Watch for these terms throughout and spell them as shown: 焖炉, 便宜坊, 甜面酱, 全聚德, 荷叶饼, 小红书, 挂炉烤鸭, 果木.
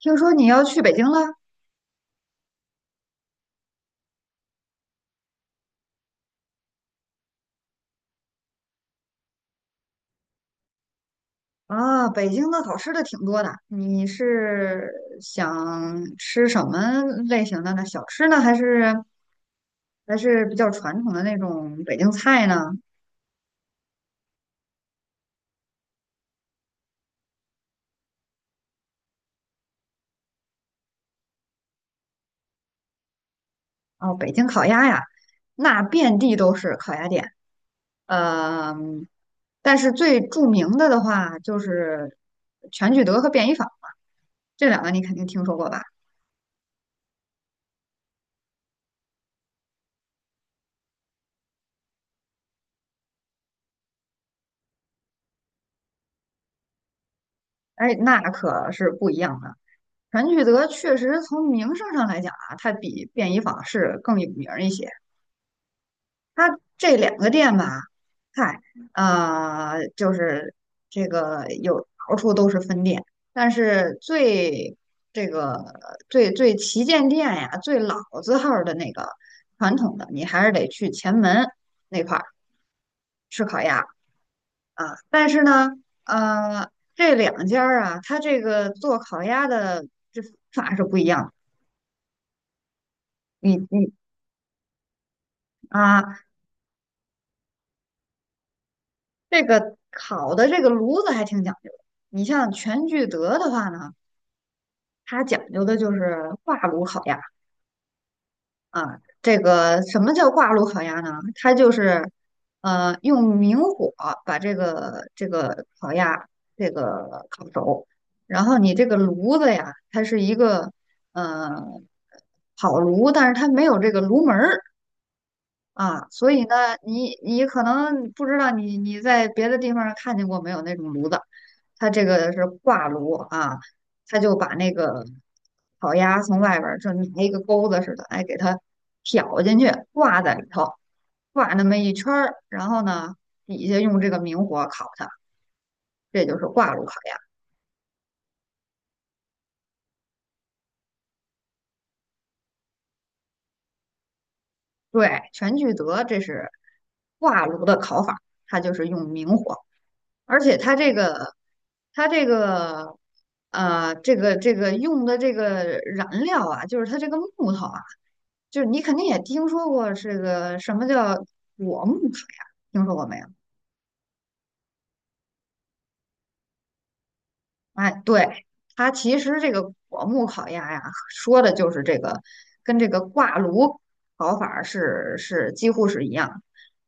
听说你要去北京了啊？北京的好吃的挺多的，你是想吃什么类型的呢？小吃呢，还是比较传统的那种北京菜呢？哦，北京烤鸭呀，那遍地都是烤鸭店。嗯，但是最著名的的话就是全聚德和便宜坊这两个，你肯定听说过吧？哎，那可是不一样的。全聚德确实从名声上来讲啊，它比便宜坊是更有名儿一些。它这两个店吧，嗨，就是这个有到处都是分店，但是最这个最最旗舰店呀，最老字号儿的那个传统的，你还是得去前门那块儿吃烤鸭啊。但是呢，这两家儿啊，它这个做烤鸭的这法是不一样的。你啊，这个烤的这个炉子还挺讲究的。你像全聚德的话呢，它讲究的就是挂炉烤鸭啊。这个什么叫挂炉烤鸭呢？它就是用明火把这个烤鸭这个烤熟，然后你这个炉子呀，它是一个呃烤炉，但是它没有这个炉门儿，啊，所以呢，你你可能不知道你你在别的地方看见过没有那种炉子，它这个是挂炉啊，它就把那个烤鸭从外边儿就拿一个钩子似的，哎，给它挑进去，挂在里头，挂那么一圈儿，然后呢，底下用这个明火烤它，这就是挂炉烤鸭。对，全聚德这是挂炉的烤法，它就是用明火。而且它这个,这个用的这个燃料啊，就是它这个木头啊，就是你肯定也听说过这个什么叫果木水啊，听说过没有？哎，对，它其实这个果木烤鸭呀，说的就是这个，跟这个挂炉烤法儿是几乎是一样的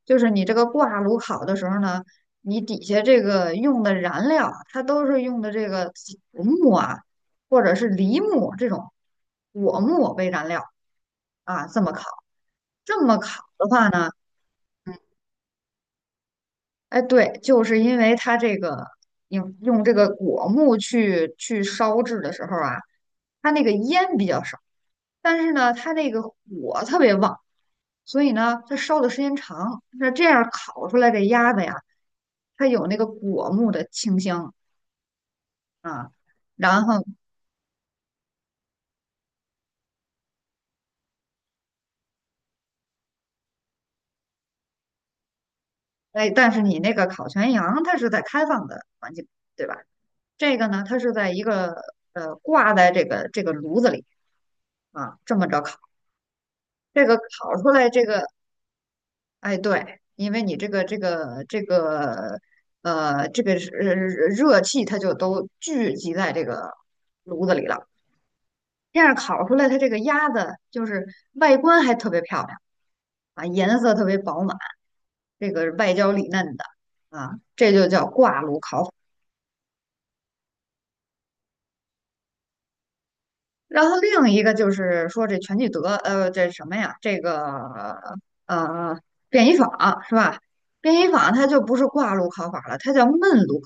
就是你这个挂炉烤的时候呢，你底下这个用的燃料啊，它都是用的这个竹木啊，或者是梨木这种果木为燃料啊，这么烤。这么烤的话呢，哎，对，就是因为它这个用这个果木去烧制的时候啊，它那个烟比较少，但是呢，它那个火特别旺，所以呢，它烧的时间长，那这样烤出来的鸭子呀，它有那个果木的清香啊。然后，哎，但是你那个烤全羊，它是在开放的环境，对吧？这个呢，它是在一个挂在这个炉子里啊，这么着烤。这个烤出来这个哎，对，因为你这个这个是热气，它就都聚集在这个炉子里了。这样烤出来，它这个鸭子就是外观还特别漂亮啊，颜色特别饱满，这个外焦里嫩的啊，这就叫挂炉烤法。然后另一个就是说这全聚德，这什么呀？这个呃便宜坊是吧？便宜坊它就不是挂炉烤法了，它叫焖炉。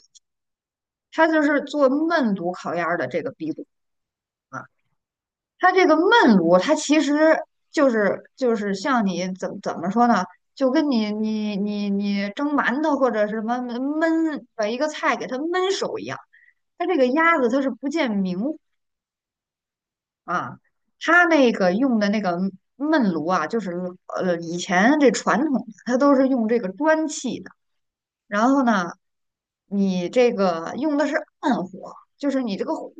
它就是做焖炉烤鸭的这个鼻祖啊，它这个焖炉，它其实就是像你怎么说呢？就跟你蒸馒头或者什么焖把一个菜给它焖熟一样。它这个鸭子它是不见明火啊，它那个用的那个焖炉啊，就是以前这传统它都是用这个砖砌的。然后呢，你这个用的是暗火，就是你这个火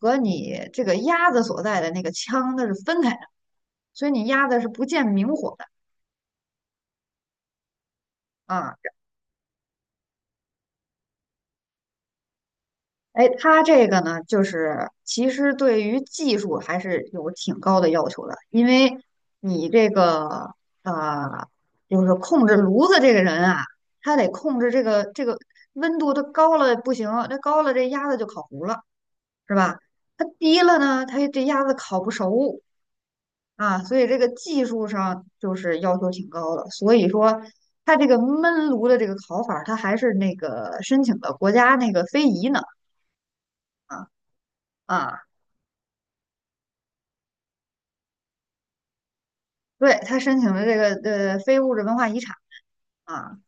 和你这个鸭子所在的那个腔它是分开的，所以你鸭子是不见明火的啊。哎，它这个呢，就是其实对于技术还是有挺高的要求的，因为你这个呃，就是控制炉子这个人啊，他得控制这个温度，它高了不行，那高了这鸭子就烤糊了。是吧？它低了呢，它这鸭子烤不熟啊，所以这个技术上就是要求挺高的。所以说，它这个焖炉的这个烤法儿它还是那个申请的国家那个非遗呢啊，对，它申请了这个非物质文化遗产啊。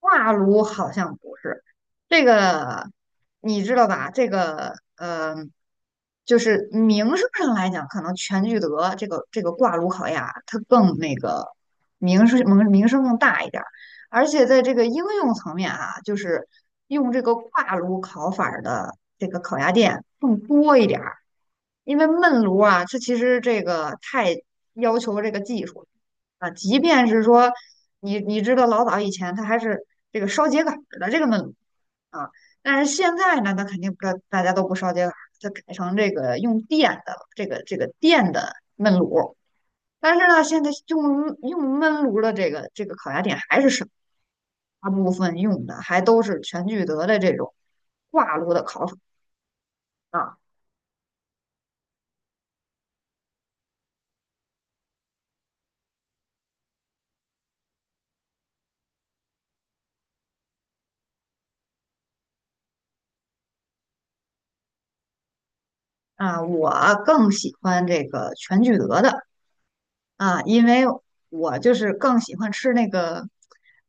挂炉好像不是这个，你知道吧？这个就是名声上来讲，可能全聚德这个挂炉烤鸭，它更那个名声更大一点儿。而且在这个应用层面啊，就是用这个挂炉烤法儿的这个烤鸭店更多一点儿。因为焖炉啊，它其实这个太要求这个技术了啊，即便是说你你知道老早以前它还是这个烧秸秆儿的这个焖炉啊，但是现在呢，它肯定不知道大家都不烧秸秆儿，它改成这个用电的这个电的焖炉，但是呢，现在用焖炉的这个烤鸭店还是少，大部分用的还都是全聚德的这种挂炉的烤法。啊。啊，我更喜欢这个全聚德的啊，因为我就是更喜欢吃那个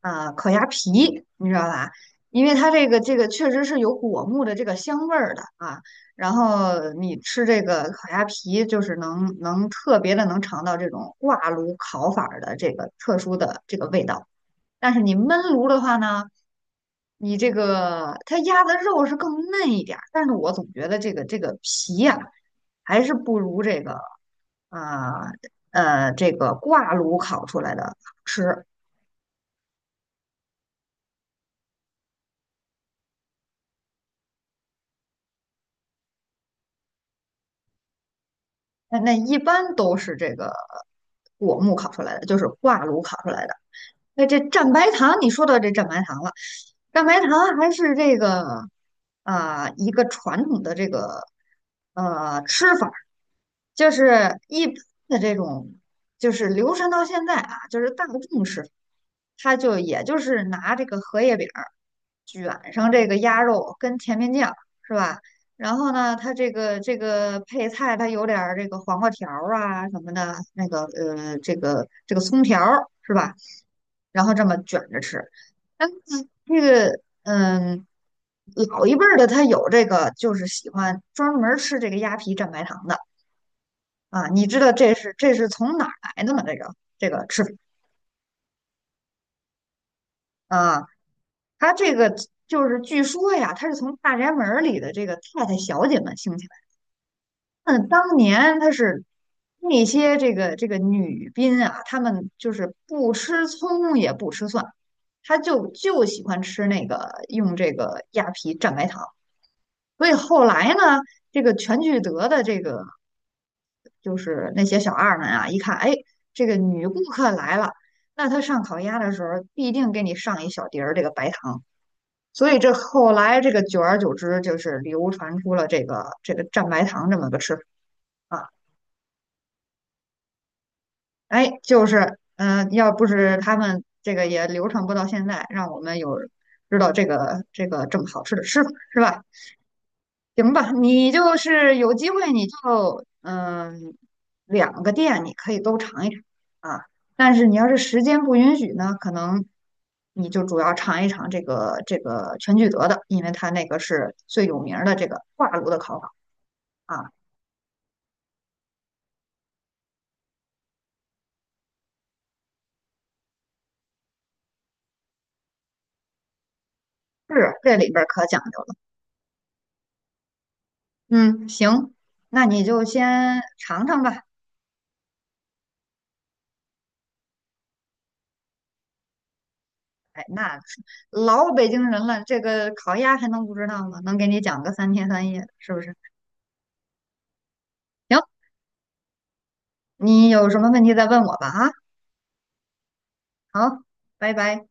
啊烤鸭皮，你知道吧？因为它这个确实是有果木的这个香味儿的啊，然后你吃这个烤鸭皮，就是能特别的能尝到这种挂炉烤法儿的这个特殊的这个味道。但是你焖炉的话呢，你这个它压的肉是更嫩一点儿，但是我总觉得这个皮呀、还是不如这个啊这个挂炉烤出来的好吃。那那一般都是这个果木烤出来的，就是挂炉烤出来的。那这蘸白糖，你说到这蘸白糖了，蘸白糖还是这个啊、一个传统的这个吃法儿就是一般的这种，就是流传到现在啊，就是大众吃法，它就也就是拿这个荷叶饼儿卷上这个鸭肉跟甜面酱，是吧？然后呢，它这个配菜，它有点儿这个黄瓜条儿啊什么的，那个这个葱条儿是吧？然后这么卷着吃。但是这个，嗯，老一辈儿的他有这个，就是喜欢专门儿吃这个鸭皮蘸白糖的啊。你知道这是从哪儿来的吗？这个吃法啊，他这个就是据说呀，他是从大宅门儿里的这个太太小姐们兴起来的。那当年他是。那些这个女宾啊，她们就是不吃葱也不吃蒜，她就喜欢吃那个用这个鸭皮蘸白糖。所以后来呢，这个全聚德的这个就是那些小二们啊，一看，哎，这个女顾客来了，那她上烤鸭的时候必定给你上一小碟儿这个白糖。所以这后来这个久而久之，就是流传出了这个蘸白糖这么个吃法啊。哎，就是嗯、要不是他们这个也流传不到现在，让我们有知道这个这么好吃的吃法，是吧？行吧，你就是有机会你就嗯，两个店你可以都尝一尝啊。但是你要是时间不允许呢，可能你就主要尝一尝这个这个全聚德的，因为它那个是最有名儿的这个挂炉的烤法啊。是，这里边儿可讲究了。嗯，行，那你就先尝尝吧。哎，那老北京人了，这个烤鸭还能不知道吗？能给你讲个3天3夜的，是不是？行，你有什么问题再问我吧啊。好，拜拜。